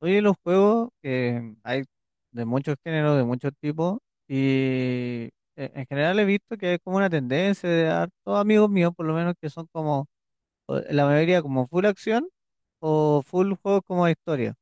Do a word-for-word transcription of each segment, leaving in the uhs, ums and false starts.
Oye, los juegos eh, hay de muchos géneros, de muchos tipos, y eh, en general he visto que hay como una tendencia de hartos amigos míos, por lo menos, que son como, o- la mayoría como full acción o full juegos como de historia.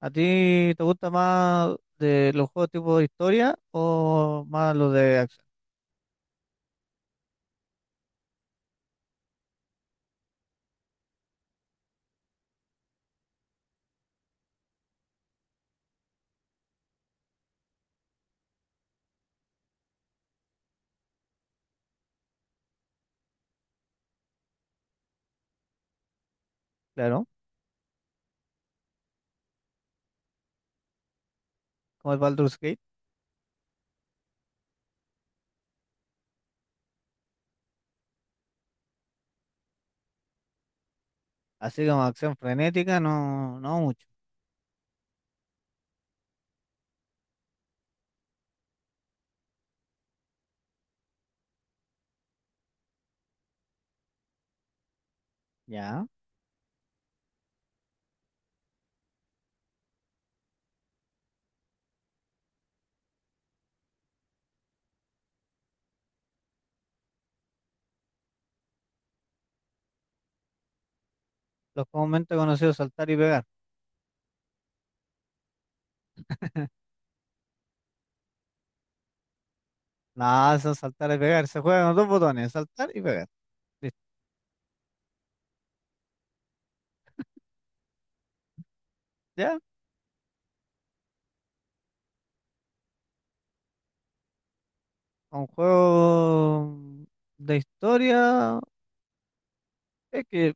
¿A ti te gusta más de los juegos tipo de historia o más los de acción? Claro, como el Baldur's Gate, así como acción frenética, no, no mucho. Ya, los comúnmente conocidos saltar y pegar. Nada, eso es saltar y pegar. Se juegan con dos botones, saltar y pegar. Listo. ¿Ya? Un juego de historia. Es que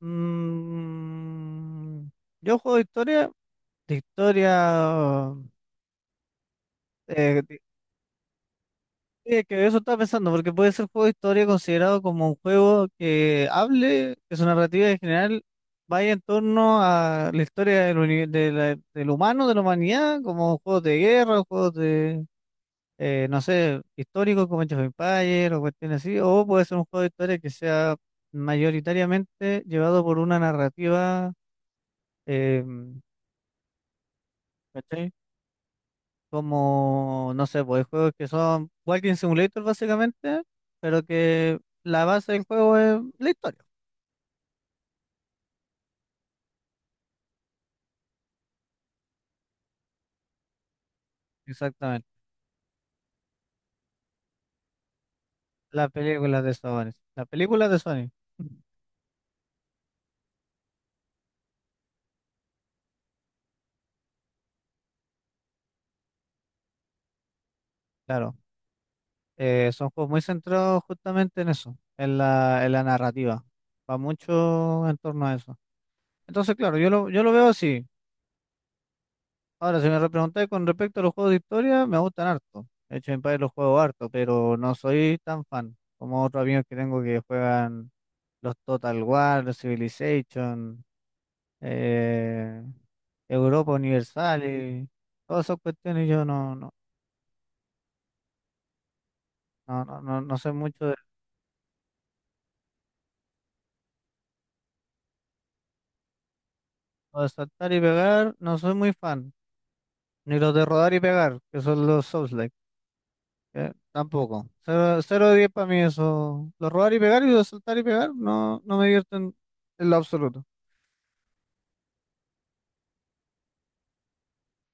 mm, yo juego de historia, de historia. eh, de- es que eso estaba pensando, porque puede ser juego de historia considerado como un juego que hable, que su narrativa en general vaya en torno a la historia del, uni- de la- del humano, de la humanidad, como juegos de guerra, juegos de eh, no sé, histórico como Age of Empires o cuestiones así, o puede ser un juego de historia que sea mayoritariamente llevado por una narrativa. eh, ¿Cachai? Como, no sé, pues hay juegos que son Walking Simulator básicamente, pero que la base del juego es la historia, exactamente. Las películas de Sony, las películas de Sony. Claro, eh, son juegos muy centrados justamente en eso, en la, en la, narrativa, va mucho en torno a eso. Entonces, claro, yo lo, yo lo veo así. Ahora, si me re- preguntáis con respecto a los juegos de historia, me gustan harto. De hecho, en Empires los juego harto, pero no soy tan fan como otros amigos que tengo que juegan los Total War, los Civilization, eh, Europa Universal y todas esas cuestiones. Yo no, no, no, no, no, no sé mucho de. Lo de saltar y pegar, no soy muy fan. Ni los de rodar y pegar, que son los souls. Eh, tampoco. Cero, cero de diez para mí eso. Lo robar y pegar y lo saltar y pegar no, no me divierten en lo absoluto.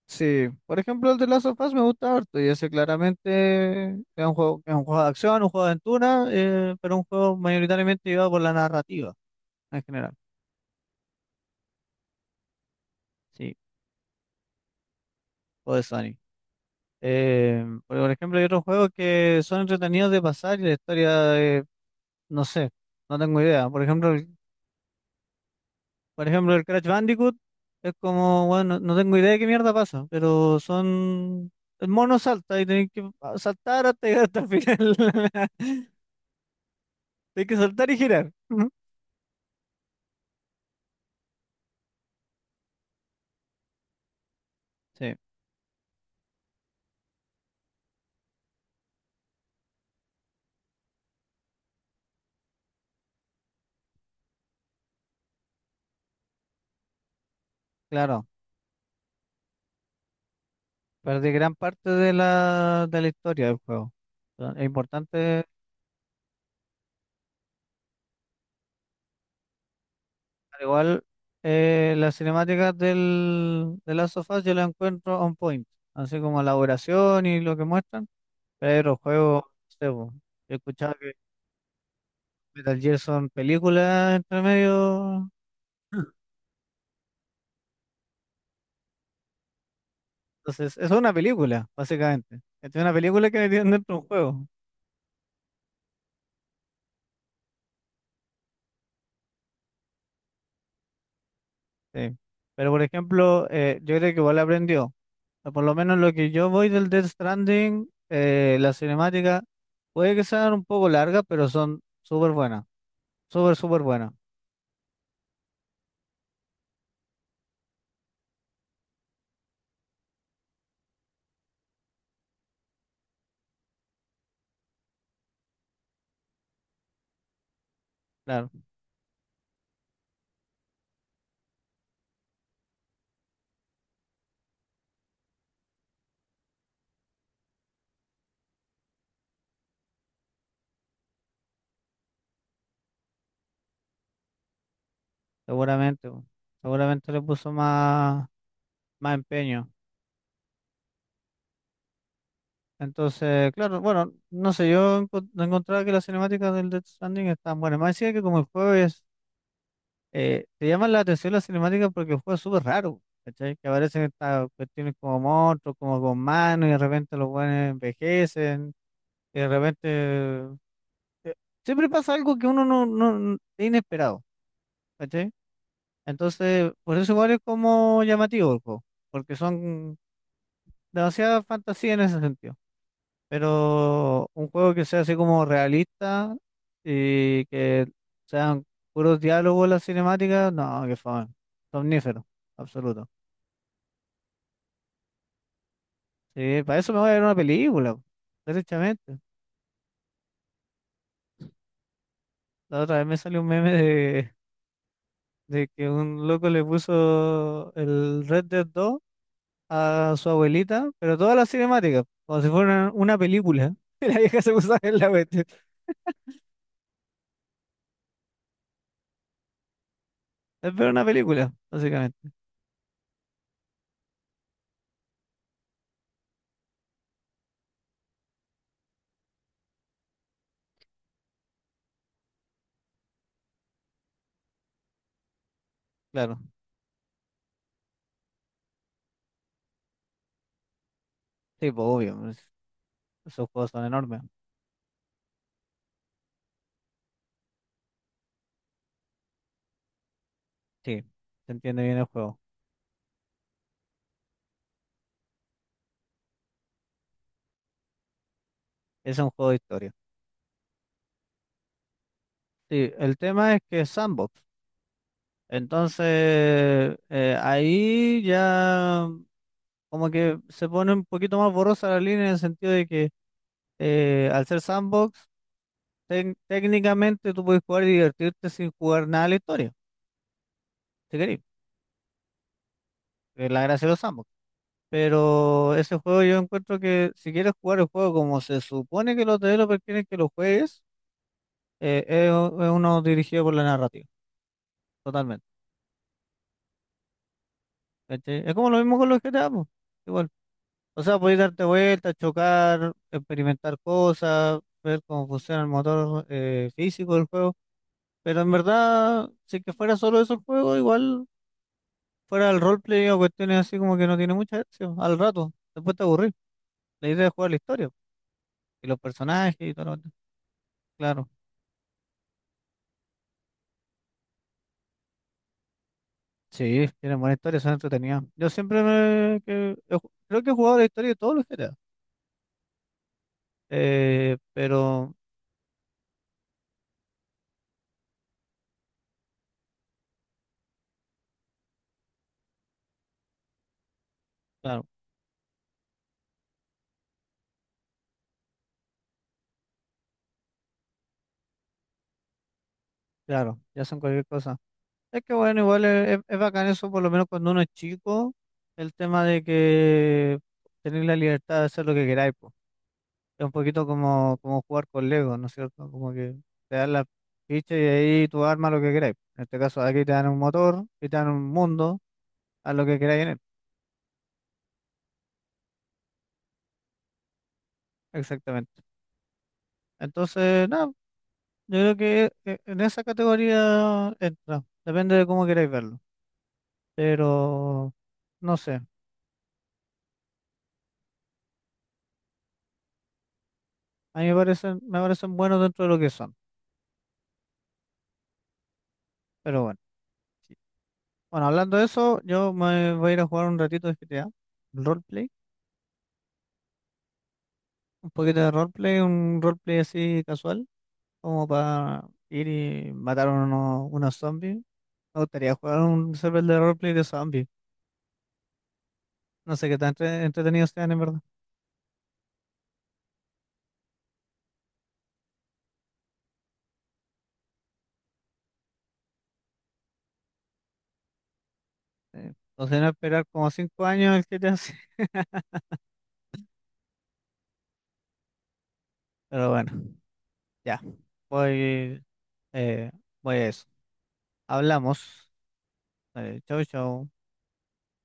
Sí, por ejemplo el de Last of Us me gusta harto y ese claramente es un juego, es un juego de acción, un juego de aventura, eh, pero un juego mayoritariamente llevado por la narrativa en general. Sí, o de Sony. Eh, porque, por ejemplo hay otros juegos que son entretenidos de pasar y la historia. Eh, no sé, no tengo idea. Por ejemplo Por ejemplo, el Crash Bandicoot es como, bueno, no tengo idea de qué mierda pasa, pero son. El mono salta y tenés que saltar hasta llegar hasta el final. Tienes que saltar y girar. Ujú. Sí, claro. Perdí gran parte de la, de la historia del juego. Ah, es importante, al igual, eh, las cinemáticas del, de Last of Us yo las encuentro on point. Así como la duración y lo que muestran. Pero el juego, no sé, po, yo escuchaba. Metal Gear son películas entre medio. Entonces, eso es una película, básicamente. Es una película que metieron dentro de un juego. Sí. Pero, por ejemplo, eh, yo creo que igual aprendió. O por lo menos lo que yo voy del Death Stranding, eh, la cinemática, puede que sean un poco largas, pero son súper buenas. Súper, súper buenas. Claro, seguramente, po. Seguramente le puso más, más empeño. Entonces, claro, bueno, no sé, yo enco- no encontraba que las cinemáticas del Death Stranding están buenas. Más decía que como el juego es, eh, te llaman la atención las cinemáticas porque el juego es súper raro, ¿cachai? Que aparecen estas cuestiones como monstruos, como con manos, y de repente los buenos envejecen, y de repente. eh, Siempre pasa algo que uno no, no, no- es inesperado, ¿cachai? Entonces, por eso igual es como llamativo el juego, porque son demasiada fantasía en ese sentido. Pero un juego que sea así como realista y que sean puros diálogos en las cinemáticas, no, qué fome. Somnífero, absoluto. Sí, para eso me voy a ver una película, po, derechamente. La otra vez me salió un meme de, de que un loco le puso el Red Dead dos a su abuelita, pero todas las cinemáticas, como si fuera una película. Y la vieja se puso a ver la cuestión. Es ver una película, básicamente. Claro, sí, pues obvio, pues, esos juegos son enormes. Sí, se entiende bien el juego. Es un juego de historia. Sí, el tema es que es sandbox. Entonces, eh, ahí ya como que se pone un poquito más borrosa la línea en el sentido de que eh, al ser sandbox, tec- técnicamente tú puedes jugar y divertirte sin jugar nada de la historia, si querés. Es la gracia de los sandbox. Pero ese juego yo encuentro que si quieres jugar el juego como se supone que los developers quieren que lo juegues, eh, es es uno dirigido por la narrativa. Totalmente. ¿Cachai? Es como lo mismo con los G T A, po. Igual. O sea, podéis darte vueltas, chocar, experimentar cosas, ver cómo funciona el motor eh, físico del juego. Pero en verdad, si es que fuera solo eso el juego, igual fuera el roleplay o cuestiones así como que no tiene mucha acción. Al rato, después te aburrís. La idea es jugar la historia y los personajes y todo lo demás. Claro. Sí, tienen buena historia, son entretenidas. Yo siempre me, que, he ju- Creo que he jugado la historia de todos los G T A. Eh, pero, claro, claro, ya son cualquier cosa. Es que bueno, igual es, es- bacán eso, por lo menos cuando uno es chico, el tema de que tener la libertad de hacer lo que queráis, po. Es un poquito como, como jugar con Lego, ¿no es cierto? Como que te dan las fichas y ahí tú armas lo que queráis. En este caso, aquí te dan un motor, y te dan un mundo, haz lo que queráis en él. Exactamente. Entonces, nada, yo creo que eh, en esa categoría entra. Depende de cómo queráis verlo. Pero, no sé, a mí me parecen, me parecen buenos dentro de lo que son. Pero bueno. Bueno, hablando de eso, yo me voy a ir a jugar un ratito de G T A, roleplay, un poquito de roleplay, un roleplay así casual, como para ir y matar a unos, unos zombies. Me gustaría jugar un server de roleplay de zombies. No sé qué tan entre- entretenidos sean, en verdad. Eh, o no esperar como cinco años el G T A, sí. Pero bueno, ya. Voy, eh, voy a eso. Hablamos. Vale, chau, chau.